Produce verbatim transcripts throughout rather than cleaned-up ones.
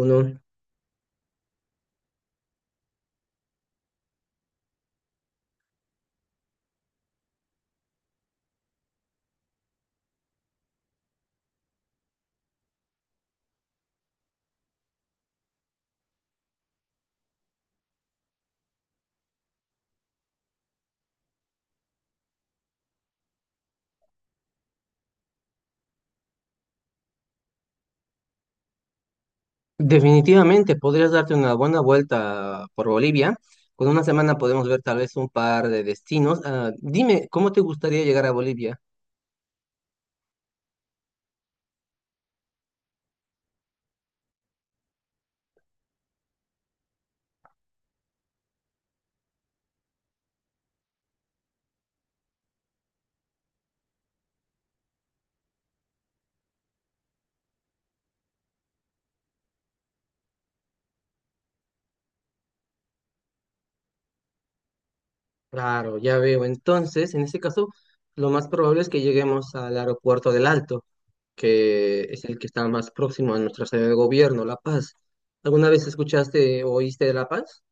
Uno. Definitivamente podrías darte una buena vuelta por Bolivia. Con una semana podemos ver tal vez un par de destinos. Ah, dime, ¿cómo te gustaría llegar a Bolivia? Claro, ya veo. Entonces, en este caso, lo más probable es que lleguemos al aeropuerto del Alto, que es el que está más próximo a nuestra sede de gobierno, La Paz. ¿Alguna vez escuchaste o oíste de La Paz?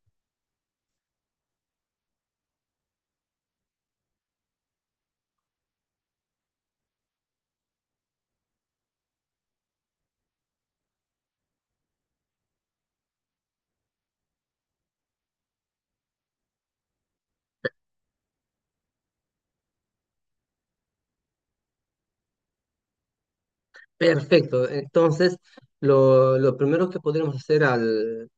Perfecto. Entonces, lo, lo primero que podremos hacer al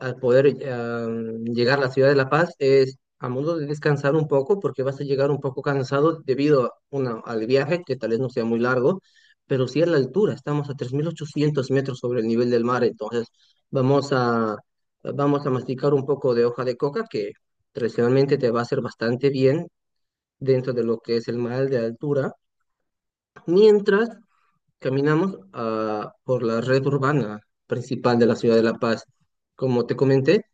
al poder eh, llegar a la ciudad de La Paz es a modo de descansar un poco, porque vas a llegar un poco cansado debido a una, al viaje, que tal vez no sea muy largo, pero sí a la altura, estamos a tres mil ochocientos metros sobre el nivel del mar, entonces vamos a, vamos a masticar un poco de hoja de coca que tradicionalmente te va a hacer bastante bien dentro de lo que es el mal de altura, mientras caminamos ah, por la red urbana principal de la ciudad de La Paz. Como te comenté,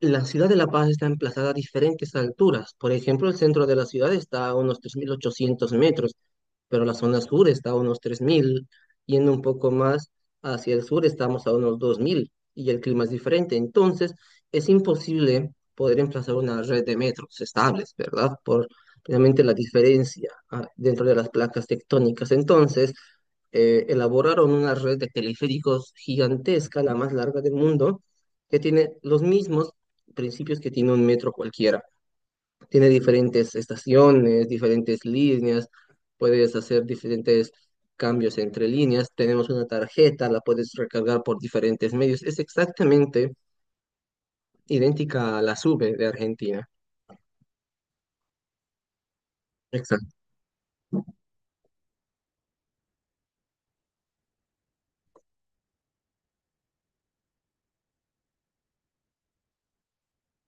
la ciudad de La Paz está emplazada a diferentes alturas. Por ejemplo, el centro de la ciudad está a unos tres mil ochocientos metros, pero la zona sur está a unos tres mil. Yendo un poco más hacia el sur estamos a unos dos mil y el clima es diferente. Entonces, es imposible poder emplazar una red de metros estables, ¿verdad? Por realmente la diferencia ah, dentro de las placas tectónicas. Entonces, eh, elaboraron una red de teleféricos gigantesca, la más larga del mundo que tiene los mismos principios que tiene un metro cualquiera. Tiene diferentes estaciones, diferentes líneas, puedes hacer diferentes cambios entre líneas. Tenemos una tarjeta, la puedes recargar por diferentes medios. Es exactamente idéntica a la SUBE de Argentina. Exacto.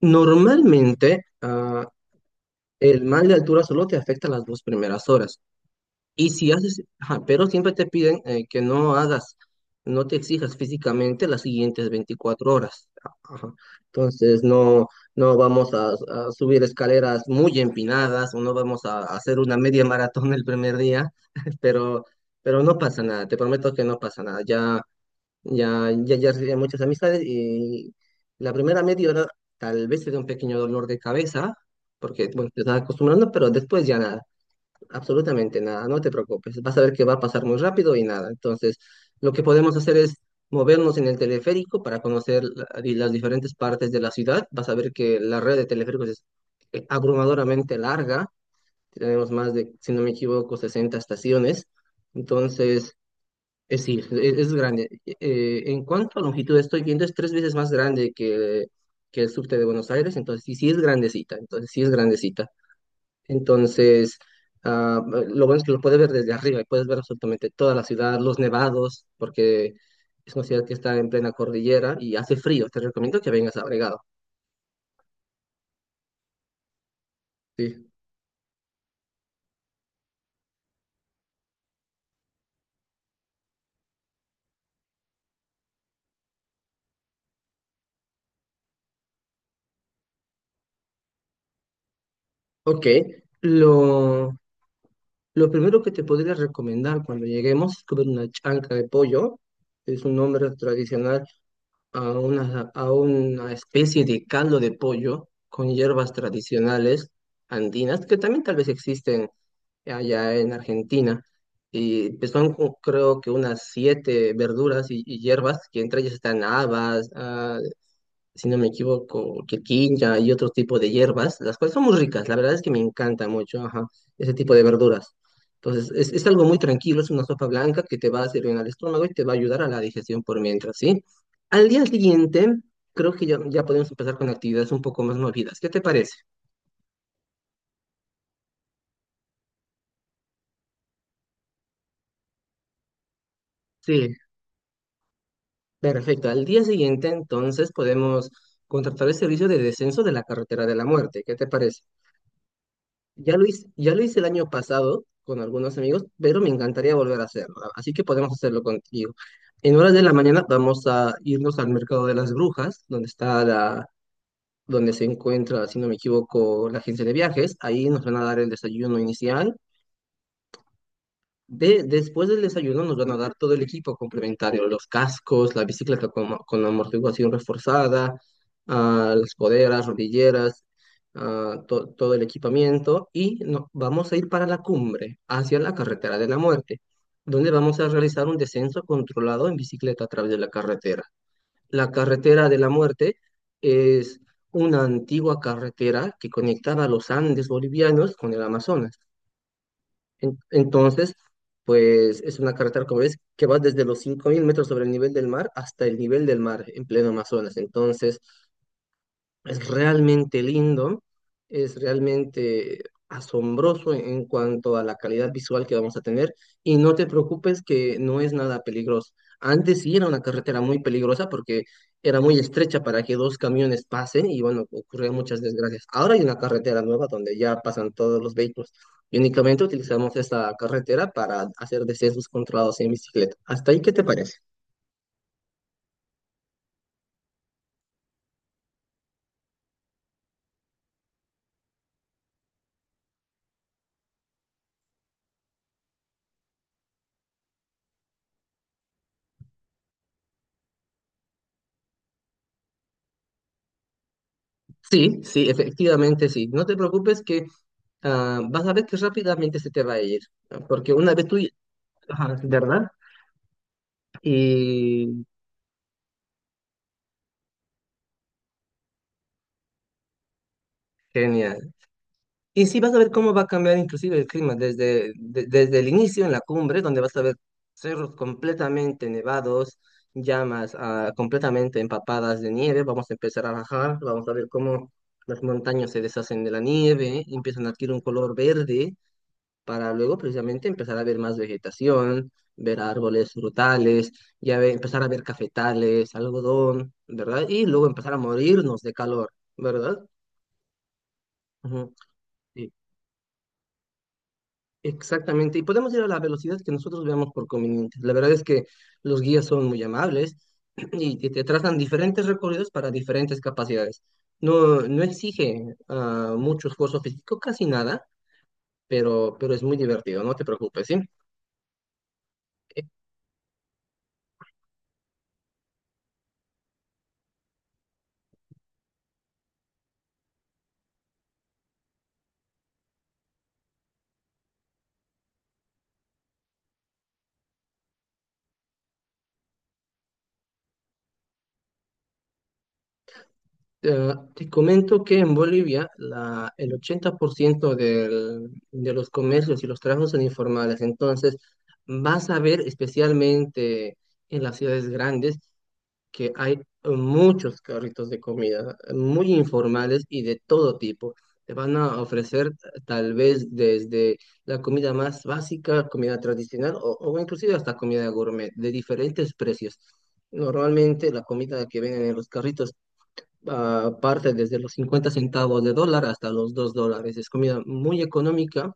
Normalmente, ah, el mal de altura solo te afecta las dos primeras horas. Y si haces, ajá, pero siempre te piden eh, que no hagas, no te exijas físicamente las siguientes veinticuatro horas. Ajá. Entonces, no, no vamos a, a subir escaleras muy empinadas o no vamos a, a hacer una media maratón el primer día, pero, pero no pasa nada, te prometo que no pasa nada. Ya, ya, ya, ya hice muchas amistades y la primera media hora tal vez te dé un pequeño dolor de cabeza, porque, bueno, te estás acostumbrando, pero después ya nada. Absolutamente nada, no te preocupes. Vas a ver que va a pasar muy rápido y nada. Entonces, lo que podemos hacer es movernos en el teleférico para conocer la- y las diferentes partes de la ciudad. Vas a ver que la red de teleféricos es eh, abrumadoramente larga. Tenemos más de, si no me equivoco, sesenta estaciones. Entonces, es, sí, es, es grande. Eh, en cuanto a longitud, estoy viendo es tres veces más grande que, que el subte de Buenos Aires. Entonces, sí, sí es grandecita. Entonces, sí es grandecita. Entonces, ah, lo bueno es que lo puedes ver desde arriba y puedes ver absolutamente toda la ciudad, los nevados, porque es una ciudad que está en plena cordillera y hace frío. Te recomiendo que vengas abrigado. Sí. Ok, lo, lo primero que te podría recomendar cuando lleguemos es comer una chanca de pollo. Es un nombre tradicional a una, a una especie de caldo de pollo con hierbas tradicionales andinas que también tal vez existen allá en Argentina. Y pues son co- creo que unas siete verduras y, y hierbas, que entre ellas están habas, ah, si no me equivoco, quirquincha y otro tipo de hierbas, las cuales son muy ricas. La verdad es que me encanta mucho, ajá, ese tipo de verduras. Entonces, es, es algo muy tranquilo, es una sopa blanca que te va a servir en el estómago y te va a ayudar a la digestión por mientras, ¿sí? Al día siguiente, creo que ya, ya podemos empezar con actividades un poco más movidas. ¿Qué te parece? Sí, perfecto. Al día siguiente, entonces, podemos contratar el servicio de descenso de la carretera de la muerte. ¿Qué te parece? Ya lo hice, ya lo hice el año pasado con algunos amigos, pero me encantaría volver a hacerlo. A- Así que podemos hacerlo contigo. En horas de la mañana vamos a irnos al mercado de las brujas, donde está la, donde se encuentra, si no me equivoco, la agencia de viajes. Ahí nos van a dar el desayuno inicial. De, después del desayuno nos van a dar todo el equipo complementario, los cascos, la bicicleta con, con amortiguación reforzada, ah, las coderas, rodilleras, ah, to- todo el equipamiento y no- vamos a ir para la cumbre, hacia la carretera de la muerte, donde vamos a realizar un descenso controlado en bicicleta a través de la carretera. La carretera de la muerte es una antigua carretera que conectaba los Andes bolivianos con el Amazonas. En- Entonces, pues es una carretera, como ves, que va desde los cinco mil metros sobre el nivel del mar hasta el nivel del mar en pleno Amazonas. Entonces, es realmente lindo, es realmente asombroso en cuanto a la calidad visual que vamos a tener y no te preocupes que no es nada peligroso. Antes sí era una carretera muy peligrosa porque era muy estrecha para que dos camiones pasen y bueno, ocurrían muchas desgracias. Ahora hay una carretera nueva donde ya pasan todos los vehículos y únicamente utilizamos esta carretera para hacer descensos controlados en bicicleta. ¿Hasta ahí qué te parece? Sí, sí, efectivamente sí. No te preocupes que ah, vas a ver que rápidamente se te va a ir, ¿no? Porque una vez tú, ajá, ¿verdad? Y genial. Y sí, vas a ver cómo va a cambiar inclusive el clima desde, de- desde el inicio en la cumbre, donde vas a ver cerros completamente nevados, llamas ah, completamente empapadas de nieve, vamos a empezar a bajar, vamos a ver cómo las montañas se deshacen de la nieve, empiezan a adquirir un color verde para luego precisamente empezar a ver más vegetación, ver árboles frutales, ya ve- empezar a ver cafetales, algodón, ¿verdad? Y luego empezar a morirnos de calor, ¿verdad? Ujú, sí, exactamente. Y podemos ir a la velocidad que nosotros veamos por conveniente. La verdad es que los guías son muy amables y te, te trazan diferentes recorridos para diferentes capacidades. No, no exige ah, mucho esfuerzo físico, casi nada, pero, pero es muy divertido, no te preocupes, ¿sí? Eh, te comento que en Bolivia la, el ochenta por ciento del- de los comercios y los trabajos son informales. Entonces, vas a ver especialmente en las ciudades grandes que hay muchos carritos de comida, muy informales y de todo tipo. Te van a ofrecer tal vez desde la comida más básica, comida tradicional o, o inclusive hasta comida gourmet de diferentes precios. Normalmente la comida que venden en los carritos ah, parte desde los cincuenta centavos de dólar hasta los dos dólares. Es comida muy económica,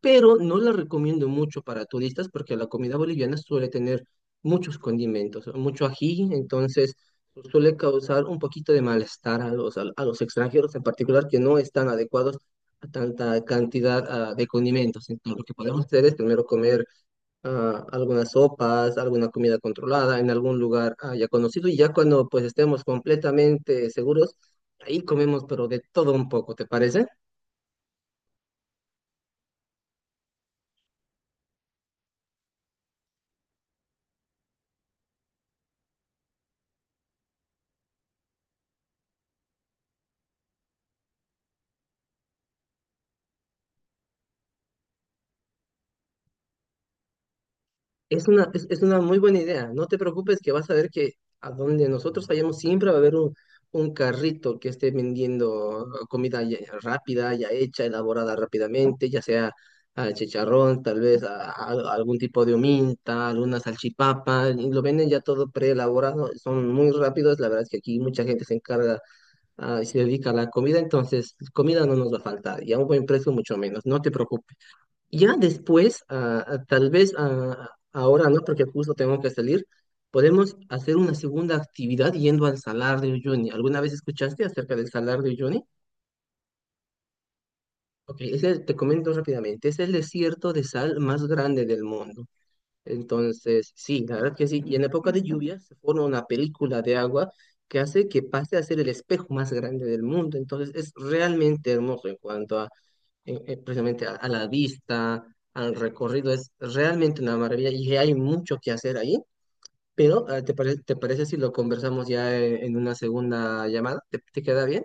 pero no la recomiendo mucho para turistas porque la comida boliviana suele tener muchos condimentos, mucho ají, entonces suele causar un poquito de malestar a los, a, a los extranjeros en particular que no están adecuados a tanta cantidad, ah, de condimentos. Entonces, lo que podemos hacer es primero comer ah, algunas sopas, alguna comida controlada en algún lugar ah, ya conocido y ya cuando pues estemos completamente seguros, ahí comemos pero de todo un poco, ¿te parece? Es una, es, es una muy buena idea. No te preocupes que vas a ver que a donde nosotros vayamos siempre va a haber un, un carrito que esté vendiendo comida ya- ya rápida, ya hecha, elaborada rápidamente, ya sea ah, chicharrón, tal vez a- a- algún tipo de ominta, alguna salchipapa, y lo venden ya todo preelaborado, son muy rápidos. La verdad es que aquí mucha gente se encarga ah, y se dedica a la comida, entonces comida no nos va a faltar y a un buen precio mucho menos. No te preocupes. Ya después, ah, ah, tal vez ah, ahora no, porque justo tengo que salir, podemos hacer una segunda actividad yendo al Salar de Uyuni. ¿Alguna vez escuchaste acerca del Salar de Uyuni? Ok, ese, te comento rápidamente, es el desierto de sal más grande del mundo. Entonces, sí, la verdad que sí. Y en época de lluvia se forma una película de agua que hace que pase a ser el espejo más grande del mundo. Entonces, es realmente hermoso en cuanto a eh, eh, precisamente a, a la vista, al recorrido. Es realmente una maravilla y hay mucho que hacer ahí. Pero, eh, ¿te parece, te parece si lo conversamos ya eh, en, una segunda llamada? ¿Te, te queda bien?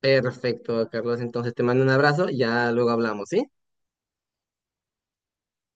Perfecto, Carlos. Entonces te mando un abrazo y ya luego hablamos, ¿sí?